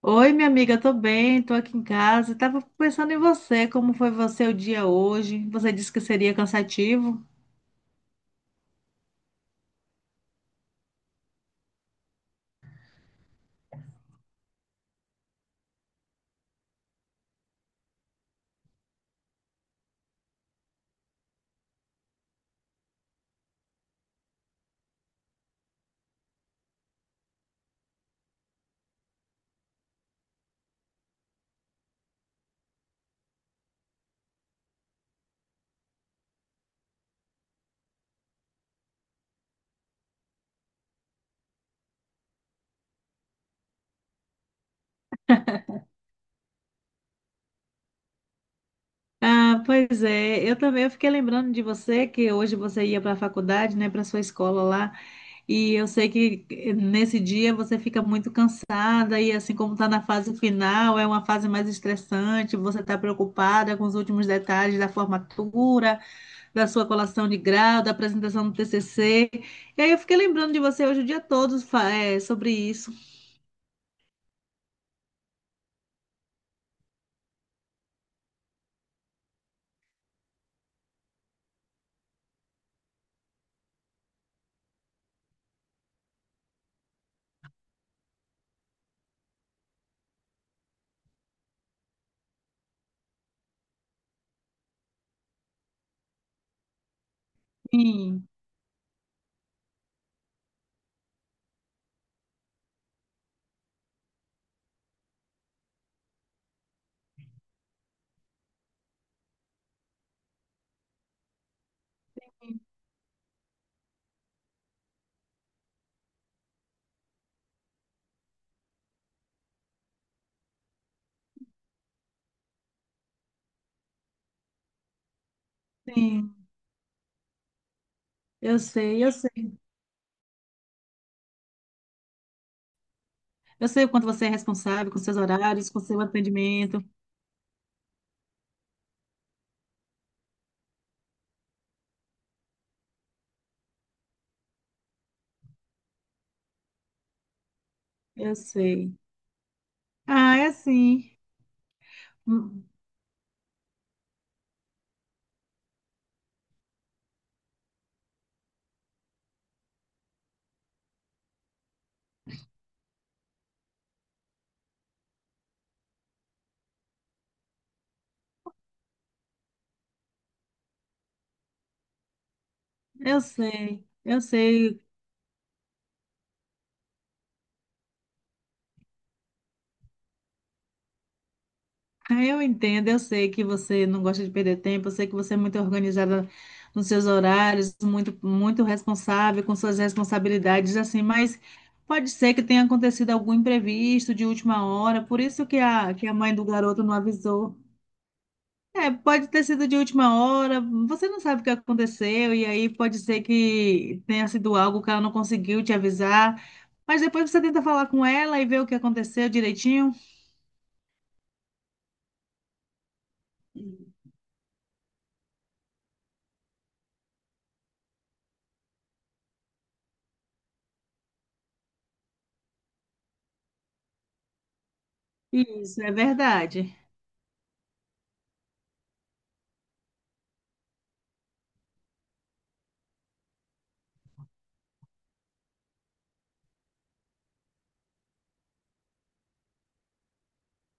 Oi, minha amiga, tô bem, tô aqui em casa. Tava pensando em você, como foi você o dia hoje? Você disse que seria cansativo. Ah, pois é. Eu também, eu fiquei lembrando de você que hoje você ia para a faculdade, né, para sua escola lá. E eu sei que nesse dia você fica muito cansada e assim como tá na fase final, é uma fase mais estressante, você tá preocupada com os últimos detalhes da formatura, da sua colação de grau, da apresentação do TCC. E aí eu fiquei lembrando de você hoje o dia todo, sobre isso. Sim, sim, eu sei, eu sei. Eu sei o quanto você é responsável com seus horários, com seu atendimento. Eu sei. Ah, é assim. Hum. Eu sei, eu sei. Ah, eu entendo, eu sei que você não gosta de perder tempo, eu sei que você é muito organizada nos seus horários, muito, muito responsável com suas responsabilidades, assim, mas pode ser que tenha acontecido algum imprevisto de última hora, por isso que a mãe do garoto não avisou. É, pode ter sido de última hora, você não sabe o que aconteceu, e aí pode ser que tenha sido algo que ela não conseguiu te avisar, mas depois você tenta falar com ela e ver o que aconteceu direitinho. Isso, é verdade.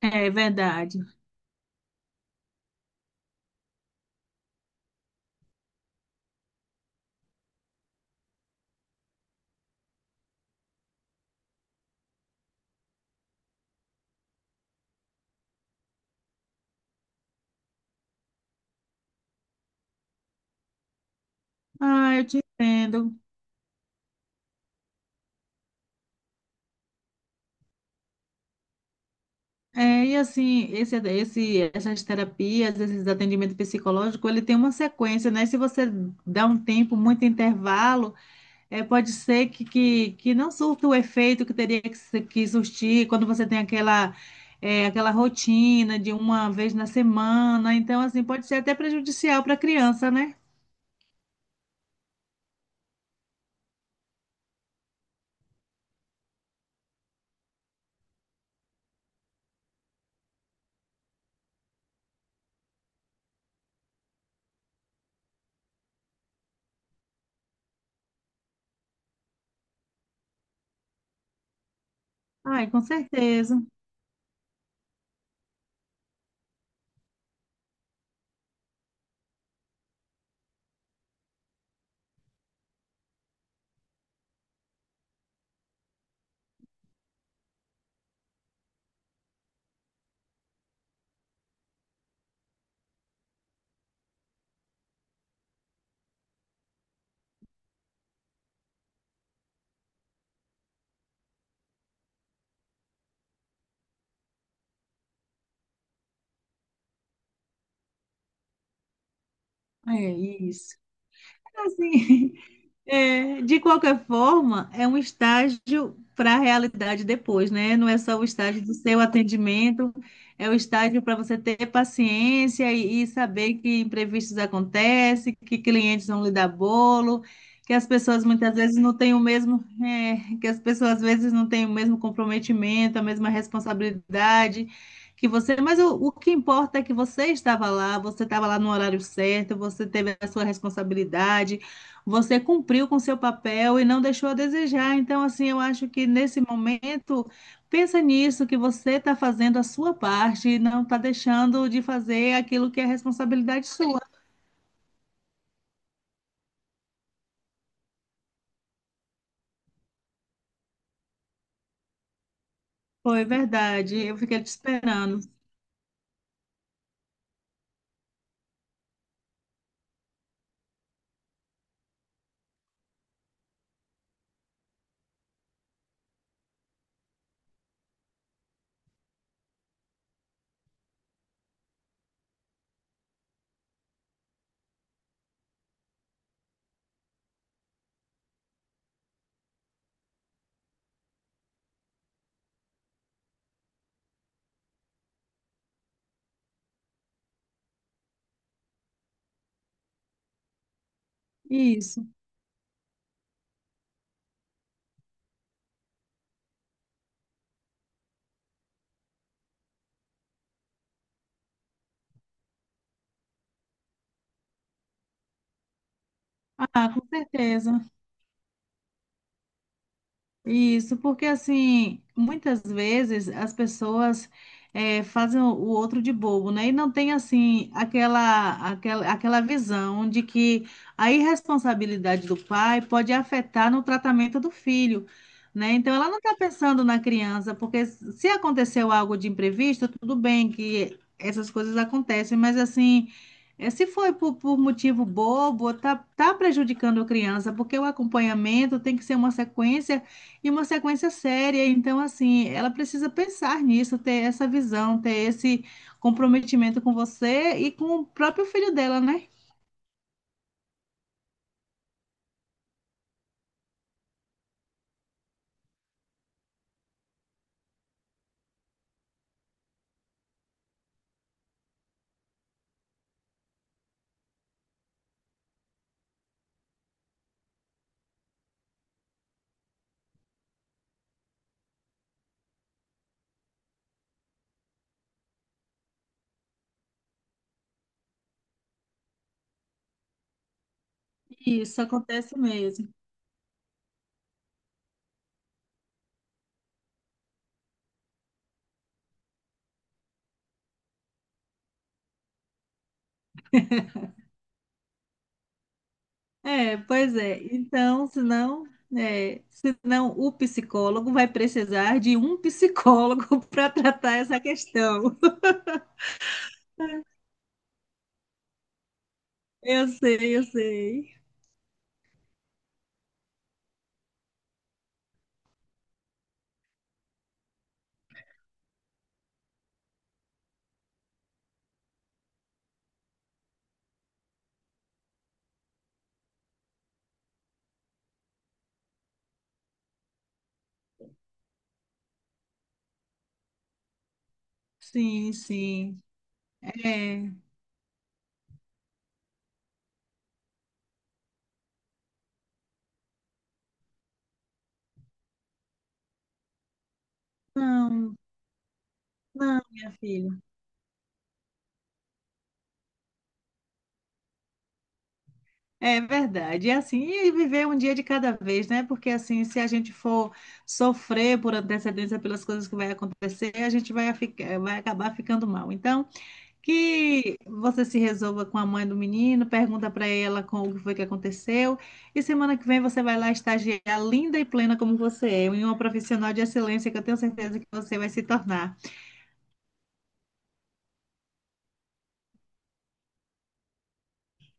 É verdade. Ah, eu te entendo. É, e assim, essas terapias, esses atendimentos psicológicos, ele tem uma sequência, né? Se você dá um tempo, muito intervalo, é, pode ser que não surta o efeito que teria que, se- que surtir quando você tem aquela, é, aquela rotina de uma vez na semana. Então, assim, pode ser até prejudicial para a criança, né? Ai, com certeza. É isso. Assim. É, de qualquer forma, é um estágio para a realidade depois, né? Não é só o estágio do seu atendimento, é o estágio para você ter paciência e saber que imprevistos acontecem, que clientes vão lhe dar bolo, que as pessoas muitas vezes não têm o mesmo, que as pessoas às vezes não têm o mesmo comprometimento, a mesma responsabilidade que você, mas o que importa é que você estava lá no horário certo, você teve a sua responsabilidade. Você cumpriu com seu papel e não deixou a desejar. Então, assim, eu acho que nesse momento, pensa nisso, que você está fazendo a sua parte e não está deixando de fazer aquilo que é responsabilidade sua. Foi verdade. Eu fiquei te esperando. Isso. Ah, com certeza. Isso, porque assim, muitas vezes as pessoas fazem o outro de bobo, né? E não tem assim aquela visão de que a irresponsabilidade do pai pode afetar no tratamento do filho, né? Então ela não está pensando na criança, porque se aconteceu algo de imprevisto, tudo bem que essas coisas acontecem, mas assim, se foi por motivo bobo, tá, tá prejudicando a criança, porque o acompanhamento tem que ser uma sequência e uma sequência séria, então assim, ela precisa pensar nisso, ter essa visão, ter esse comprometimento com você e com o próprio filho dela, né? Isso acontece mesmo. É, pois é. Então, senão, senão o psicólogo vai precisar de um psicólogo para tratar essa questão. Eu sei, eu sei. Sim, sim. É. Não, não, minha filha. É verdade. E assim, e viver um dia de cada vez, né? Porque assim, se a gente for sofrer por antecedência pelas coisas que vai acontecer, a gente vai, ficar, vai acabar ficando mal. Então, que você se resolva com a mãe do menino, pergunta para ela com o que foi que aconteceu, e semana que vem você vai lá estagiar linda e plena como você é, e uma profissional de excelência que eu tenho certeza que você vai se tornar.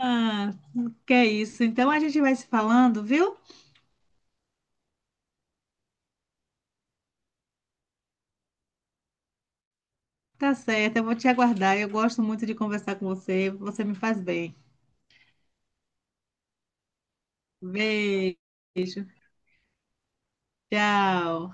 Ah, que é isso. Então a gente vai se falando, viu? Tá certo, eu vou te aguardar. Eu gosto muito de conversar com você. Você me faz bem. Beijo. Tchau.